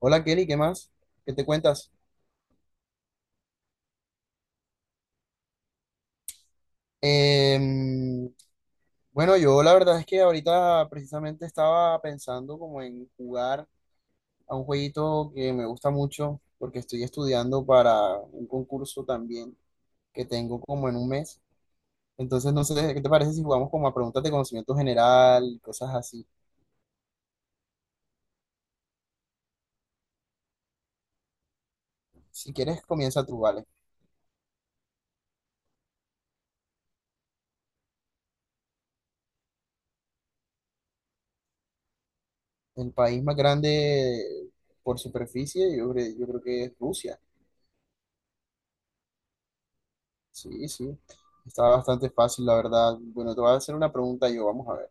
Hola Kelly, ¿qué más? ¿Qué te cuentas? Em, bueno, yo la verdad es que ahorita precisamente estaba pensando como en jugar a un jueguito que me gusta mucho porque estoy estudiando para un concurso también que tengo como en un mes. Entonces, no sé, ¿qué te parece si jugamos como a preguntas de conocimiento general y cosas así? Si quieres, comienza tú, vale. El país más grande por superficie, yo creo que es Rusia. Sí, sí. Está bastante fácil, la verdad. Bueno, te voy a hacer una pregunta yo, vamos a ver.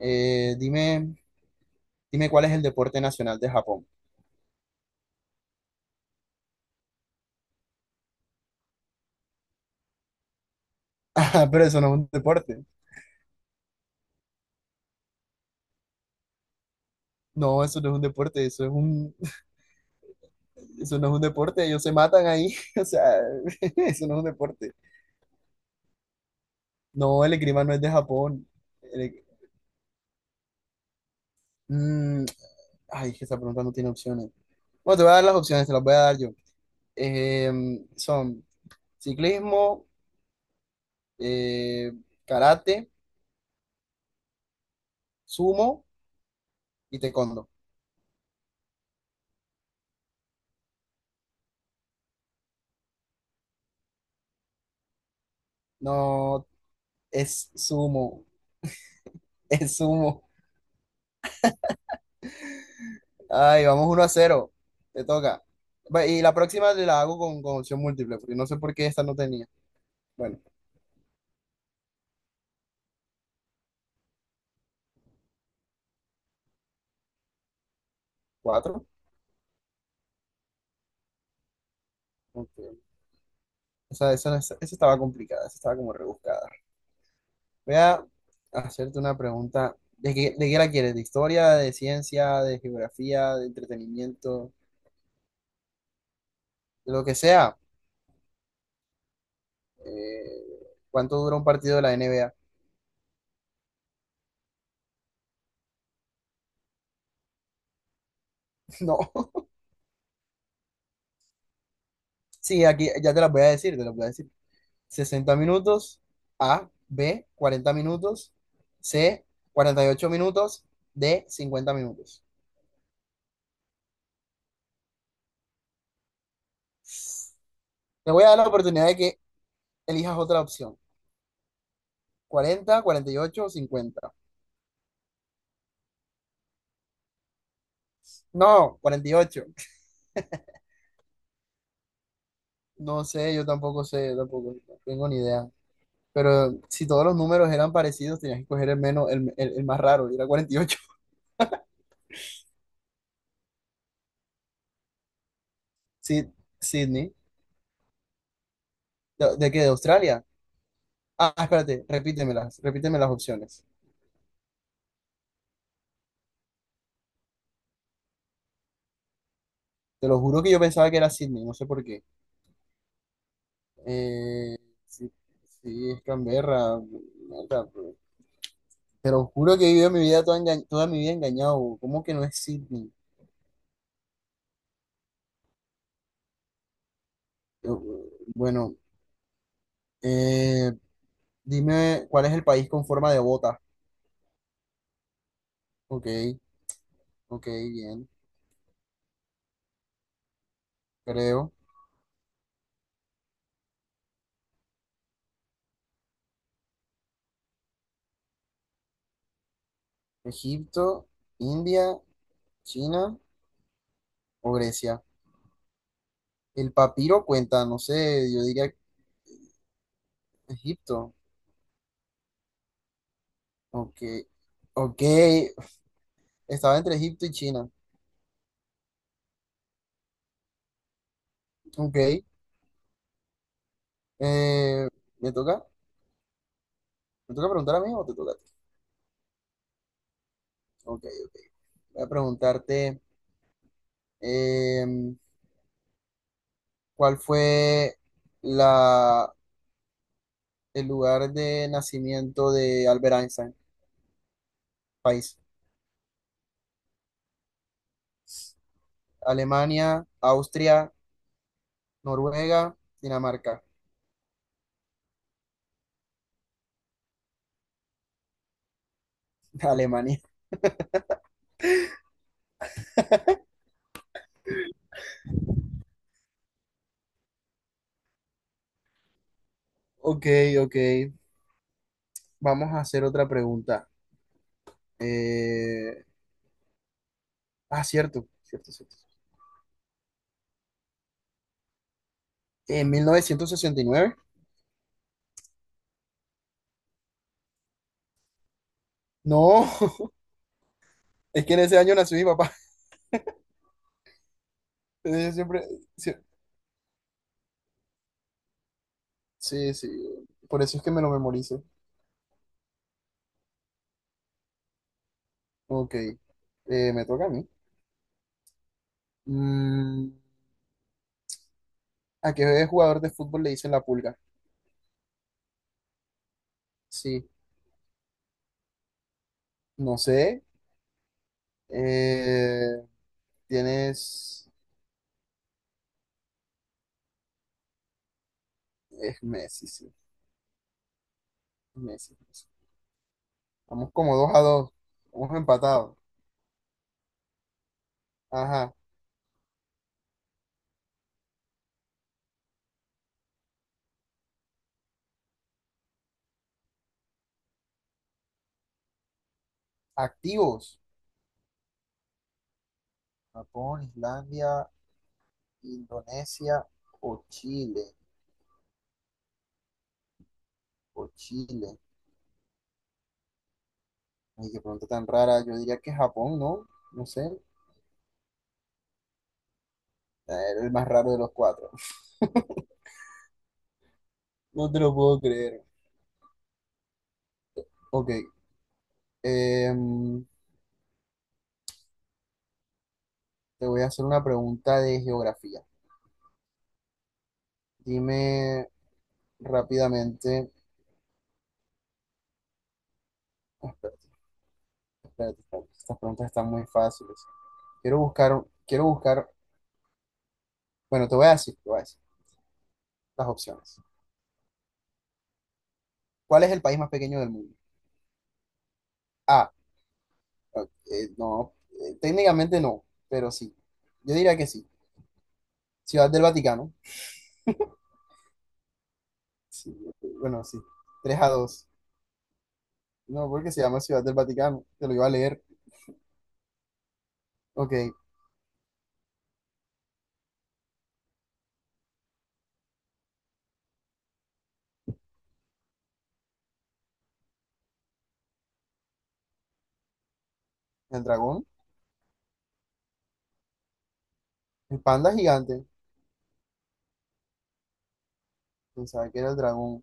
Eh, dime, dime cuál es el deporte nacional de Japón. Ah, pero eso no es un deporte. No, eso no es un deporte, eso es un, eso no es un deporte, ellos se matan ahí. O sea, eso no es un deporte. No, el esgrima no es de Japón. El- Mm, Ay, es que esa pregunta no tiene opciones. Bueno, te voy a dar las opciones, te las voy a dar yo. Eh, son ciclismo, eh, karate, sumo y taekwondo. No, es sumo, es sumo. Ay, vamos 1-0. Te toca. Va, y la próxima la hago con opción múltiple, porque no sé por qué esta no tenía. Bueno, 4. Esa estaba complicada, esa estaba como rebuscada. Voy a hacerte una pregunta. ¿De qué la quieres? ¿De historia, de ciencia, de geografía, de entretenimiento, de lo que sea? Eh, ¿Cuánto dura un partido de la NBA? No. Sí, aquí ya te las voy a decir, te las voy a decir. 60 minutos, A, B, 40 minutos, C, 48 minutos, D, 50 minutos. Te voy a dar la oportunidad de que elijas otra opción. 40, 48 o 50. No, 48. No sé, yo tampoco sé, yo tampoco tengo ni idea. Pero si todos los números eran parecidos, tenías que coger el menos, el más raro, y era 48. Sí, Sydney. ¿De qué? ¿De Australia? Ah, espérate, repítemelas, repíteme las opciones. Te lo juro que yo pensaba que era Sydney, no sé por qué. Eh, sí, sí, es Canberra. Mierda, pero- Te lo juro que he vivido mi vida toda, enga- toda mi vida engañado. Bro. ¿Cómo que no es Sydney? Yo, Bueno, eh, dime cuál es el país con forma de bota. Ok, ok, bien. Creo. Egipto, India, China o Grecia. El papiro cuenta, no sé, yo diría Egipto. Ok, ok. Estaba entre Egipto y China. Ok. eh, ¿me toca? ¿Me toca preguntar a mí o te toca? Ok, voy a preguntarte, eh, ¿cuál fue la, el lugar de nacimiento de Albert Einstein? País. Alemania, Austria, Noruega, Dinamarca. Alemania. Ok, ok. Vamos a hacer otra pregunta. Eh, ah, cierto, cierto, cierto. En 1969. No, es que en ese año nació mi papá. Yo siempre. Sí, sí, sí. Por eso es que me lo memorizo. Ok, me toca a mí. Mm, ¿A qué jugador de fútbol le dicen la pulga? Sí, no sé. Eh, tienes. Es Messi, sí. Messi, Messi. Vamos como 2-2. Vamos empatados. Ajá. Activos. Japón, Islandia, Indonesia o Chile. O Chile. Ay, qué pregunta tan rara. Yo diría que Japón, ¿no? No sé. Era el más raro de los cuatro. No te lo puedo creer. Ok. em, te voy a hacer una pregunta de geografía. Dime rápidamente. Espérate, espérate, espérate. Estas preguntas están muy fáciles. Quiero buscar, quiero buscar. Bueno, te voy a decir, te voy a decir las opciones. ¿Cuál es el país más pequeño del mundo? A. No, técnicamente no, pero sí. Yo diría que sí. Ciudad del Vaticano. Bueno, sí. 3-2. No, porque se llama Ciudad del Vaticano. Te lo iba a leer. Ok. El dragón. El panda gigante. Pensaba que era el dragón. O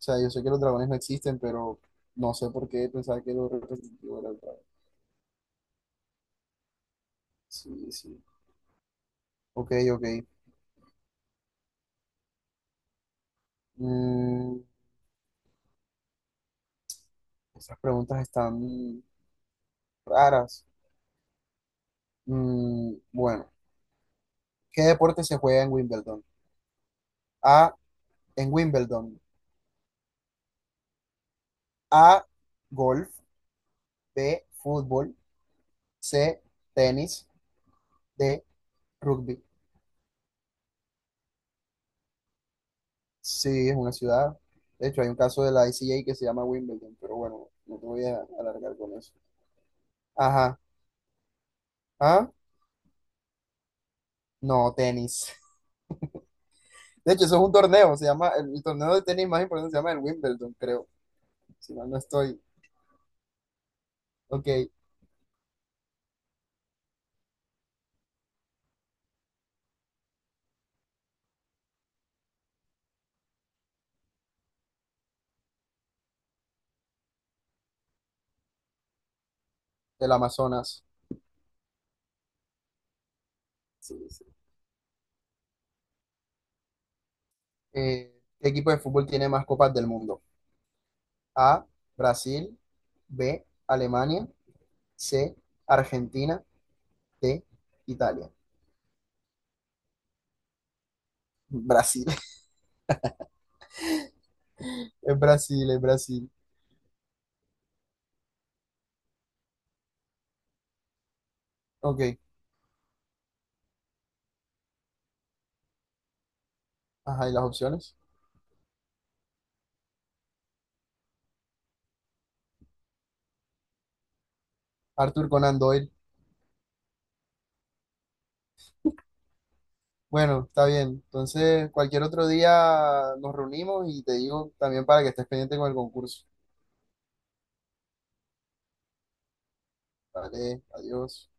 sea, yo sé que los dragones no existen, pero no sé por qué pensaba que lo representativo era el dragón. Sí, sí. Ok, ok. Mm, Estas preguntas están raras. Bueno, ¿qué deporte se juega en Wimbledon? A, en Wimbledon. A, golf. B, fútbol. C, tenis. D, rugby. Sí, es una ciudad. De hecho, hay un caso de la ICJ que se llama Wimbledon, pero bueno, no te voy a alargar con eso. Ajá. ¿Ah? No, tenis. De hecho, eso es un torneo, se llama, el torneo de tenis más importante se llama el Wimbledon, creo, si mal no estoy. Ok, el Amazonas. Sí, sí. ¿Qué equipo de fútbol tiene más copas del mundo? A, Brasil, B, Alemania, C, Argentina, D, Italia. Brasil, es Brasil, es Brasil. Ok, ajá, ¿y las opciones? Arthur Conan Doyle. Bueno, está bien. Entonces, cualquier otro día nos reunimos y te digo también para que estés pendiente con el concurso. Vale, adiós.